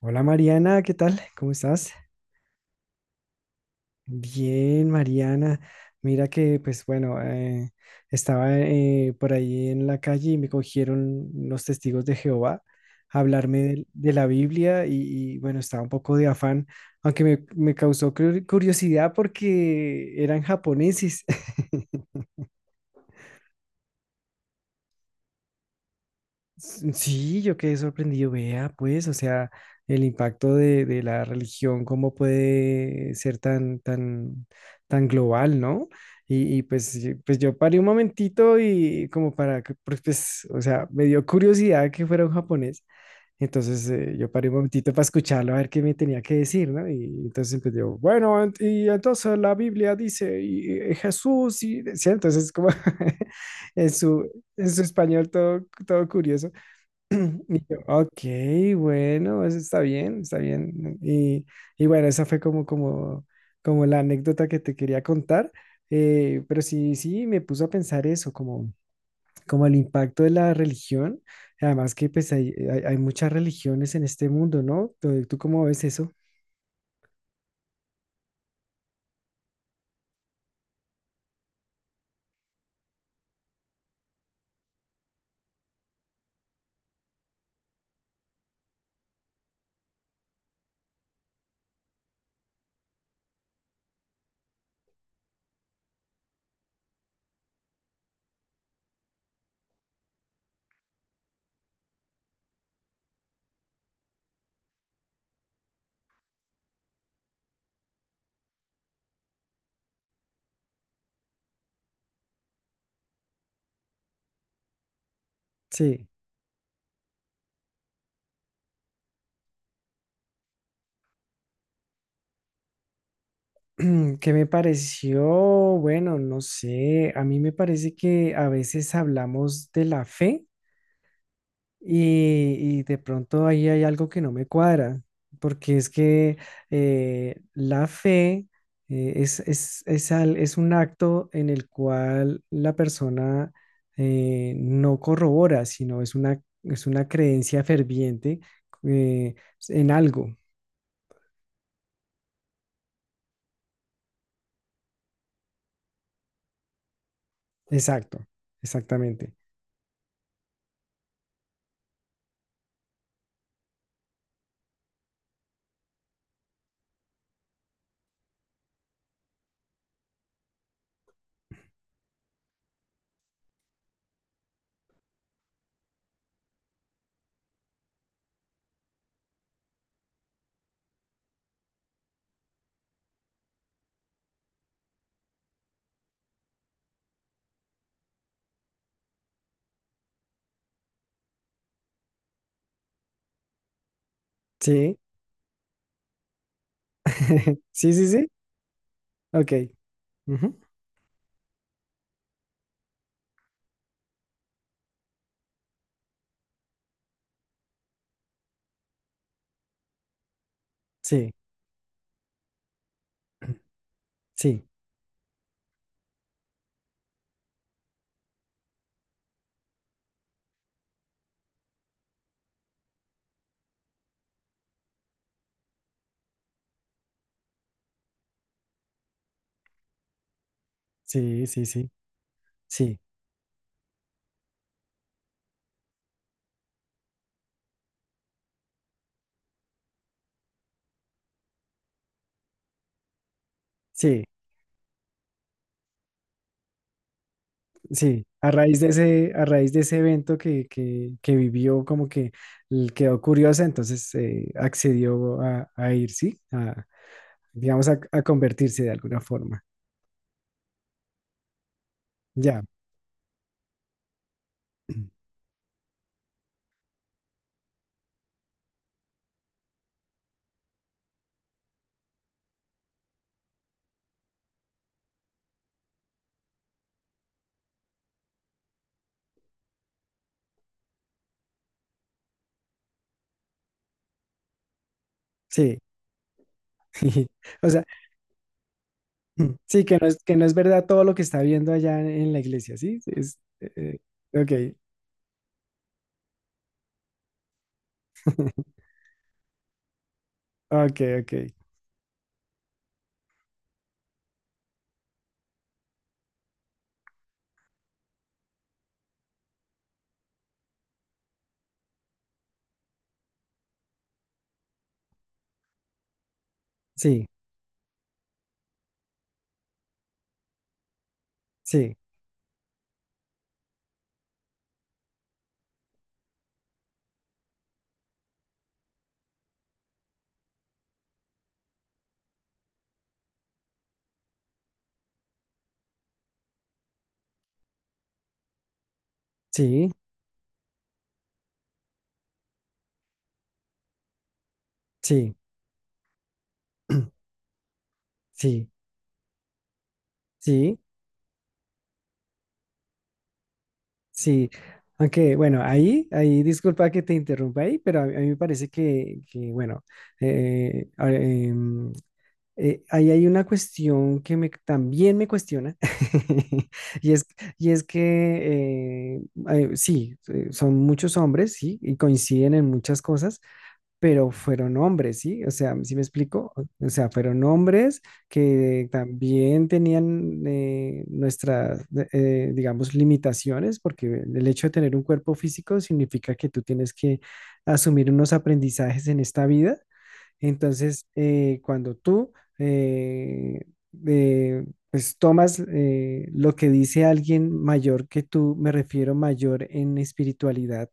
Hola Mariana, ¿qué tal? ¿Cómo estás? Bien, Mariana. Mira que, pues bueno, estaba por ahí en la calle y me cogieron los testigos de Jehová a hablarme de la Biblia y bueno, estaba un poco de afán, aunque me causó curiosidad porque eran japoneses. Sí, yo quedé sorprendido, vea, pues, o sea, el impacto de la religión, cómo puede ser tan global, ¿no? Y pues sí, pues yo paré un momentito y como para que, pues o sea, me dio curiosidad que fuera un japonés, entonces yo paré un momentito para escucharlo, a ver qué me tenía que decir, ¿no? Y entonces empezó, bueno, y entonces la Biblia dice, y Jesús, y decía, entonces como en en su español todo, todo curioso. Y yo, ok, bueno, eso está bien, está bien. Y bueno, esa fue como la anécdota que te quería contar. Pero sí, sí, me puso a pensar eso, como, como el impacto de la religión. Además que pues hay muchas religiones en este mundo, ¿no? ¿Tú ¿cómo ves eso? Sí. ¿Qué me pareció? Bueno, no sé, a mí me parece que a veces hablamos de la fe. Y de pronto ahí hay algo que no me cuadra, porque es que la fe es un acto en el cual la persona no corrobora, sino es es una creencia ferviente, eh, en algo. Exacto, exactamente. Sí, sí, sí, sí. Ok. Ujú. Sí, sí, sí, sí, sí, sí, sí. Sí, a raíz de ese, a raíz de ese evento que vivió, como que quedó curiosa, entonces accedió a ir, ¿sí? A, digamos, a convertirse de alguna forma. Ya, sí. O sea, sí, que no es verdad todo lo que está viendo allá en la iglesia, ¿sí? Es, ok, ok, ok. Sí, sí, sí, sí, sí, sí. Sí, aunque bueno, disculpa que te interrumpa ahí, pero a mí me parece bueno, eh, a- em, ahí hay una cuestión que me, también me cuestiona, y es, y es que sí, son muchos hombres, sí, y coinciden en muchas cosas, pero fueron hombres, ¿sí? O sea, ¿sí me explico? O sea, fueron hombres que también tenían nuestras, digamos, limitaciones, porque el hecho de tener un cuerpo físico significa que tú tienes que asumir unos aprendizajes en esta vida. Entonces, cuando tú, eh, pues tomas lo que dice alguien mayor que tú, me refiero mayor en espiritualidad,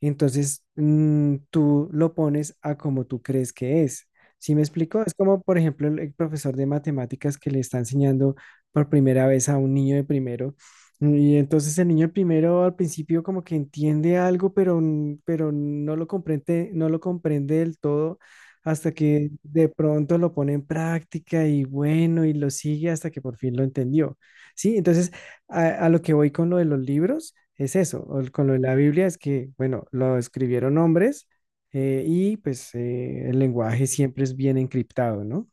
entonces, tú lo pones a como tú crees que es. ¿Sí me explico? Es como, por ejemplo, el profesor de matemáticas que le está enseñando por primera vez a un niño de primero. Y entonces el niño de primero al principio como que entiende algo, pero, pero no lo comprende, no lo comprende del todo hasta que de pronto lo pone en práctica y bueno, y lo sigue hasta que por fin lo entendió. Sí, entonces a lo que voy con lo de los libros. Es eso, o con lo de la Biblia es que, bueno, lo escribieron hombres, y pues el lenguaje siempre es bien encriptado, ¿no?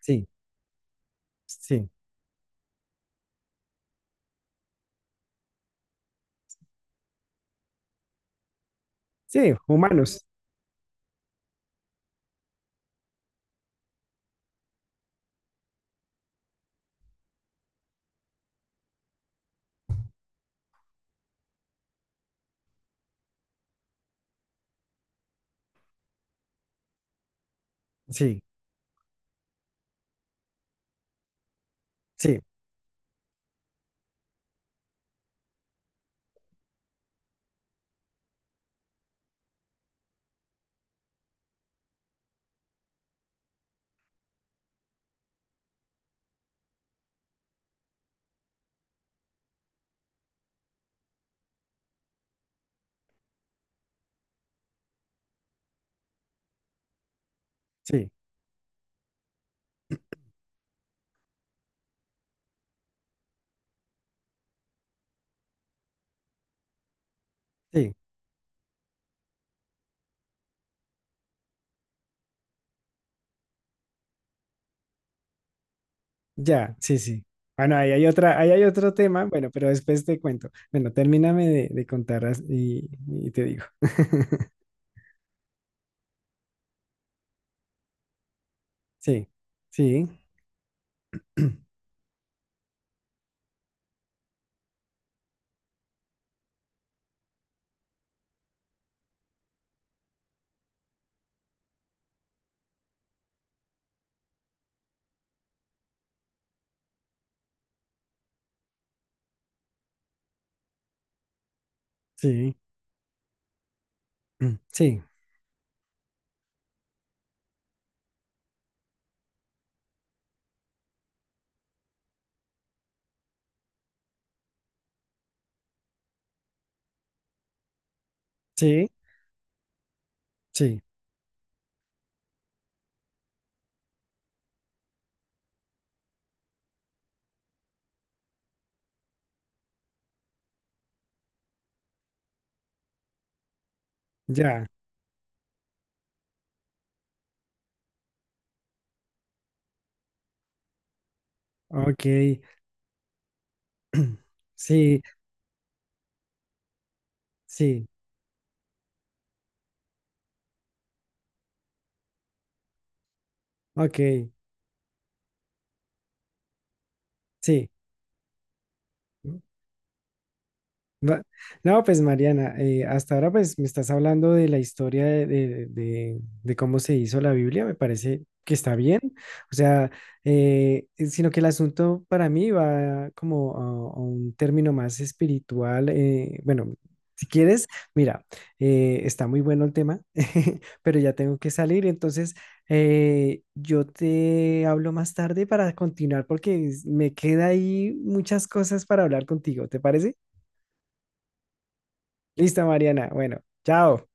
Sí, sí, sí, humanos, sí, sí, sí, sí, ya, sí, sí. Bueno, ahí hay otro tema, bueno, pero después te cuento. Bueno, termíname de contar y te digo. Sí, sí, sí, mm, sí, sí, sí, ya, ok, sí, sí, ok, sí. Va- No, pues Mariana, hasta ahora pues me estás hablando de la historia de cómo se hizo la Biblia, me parece que está bien, o sea, sino que el asunto para mí va como a un término más espiritual, bueno, si quieres, mira, está muy bueno el tema, pero ya tengo que salir, entonces yo te hablo más tarde para continuar porque me queda ahí muchas cosas para hablar contigo, ¿te parece? Listo, Mariana. Bueno, chao.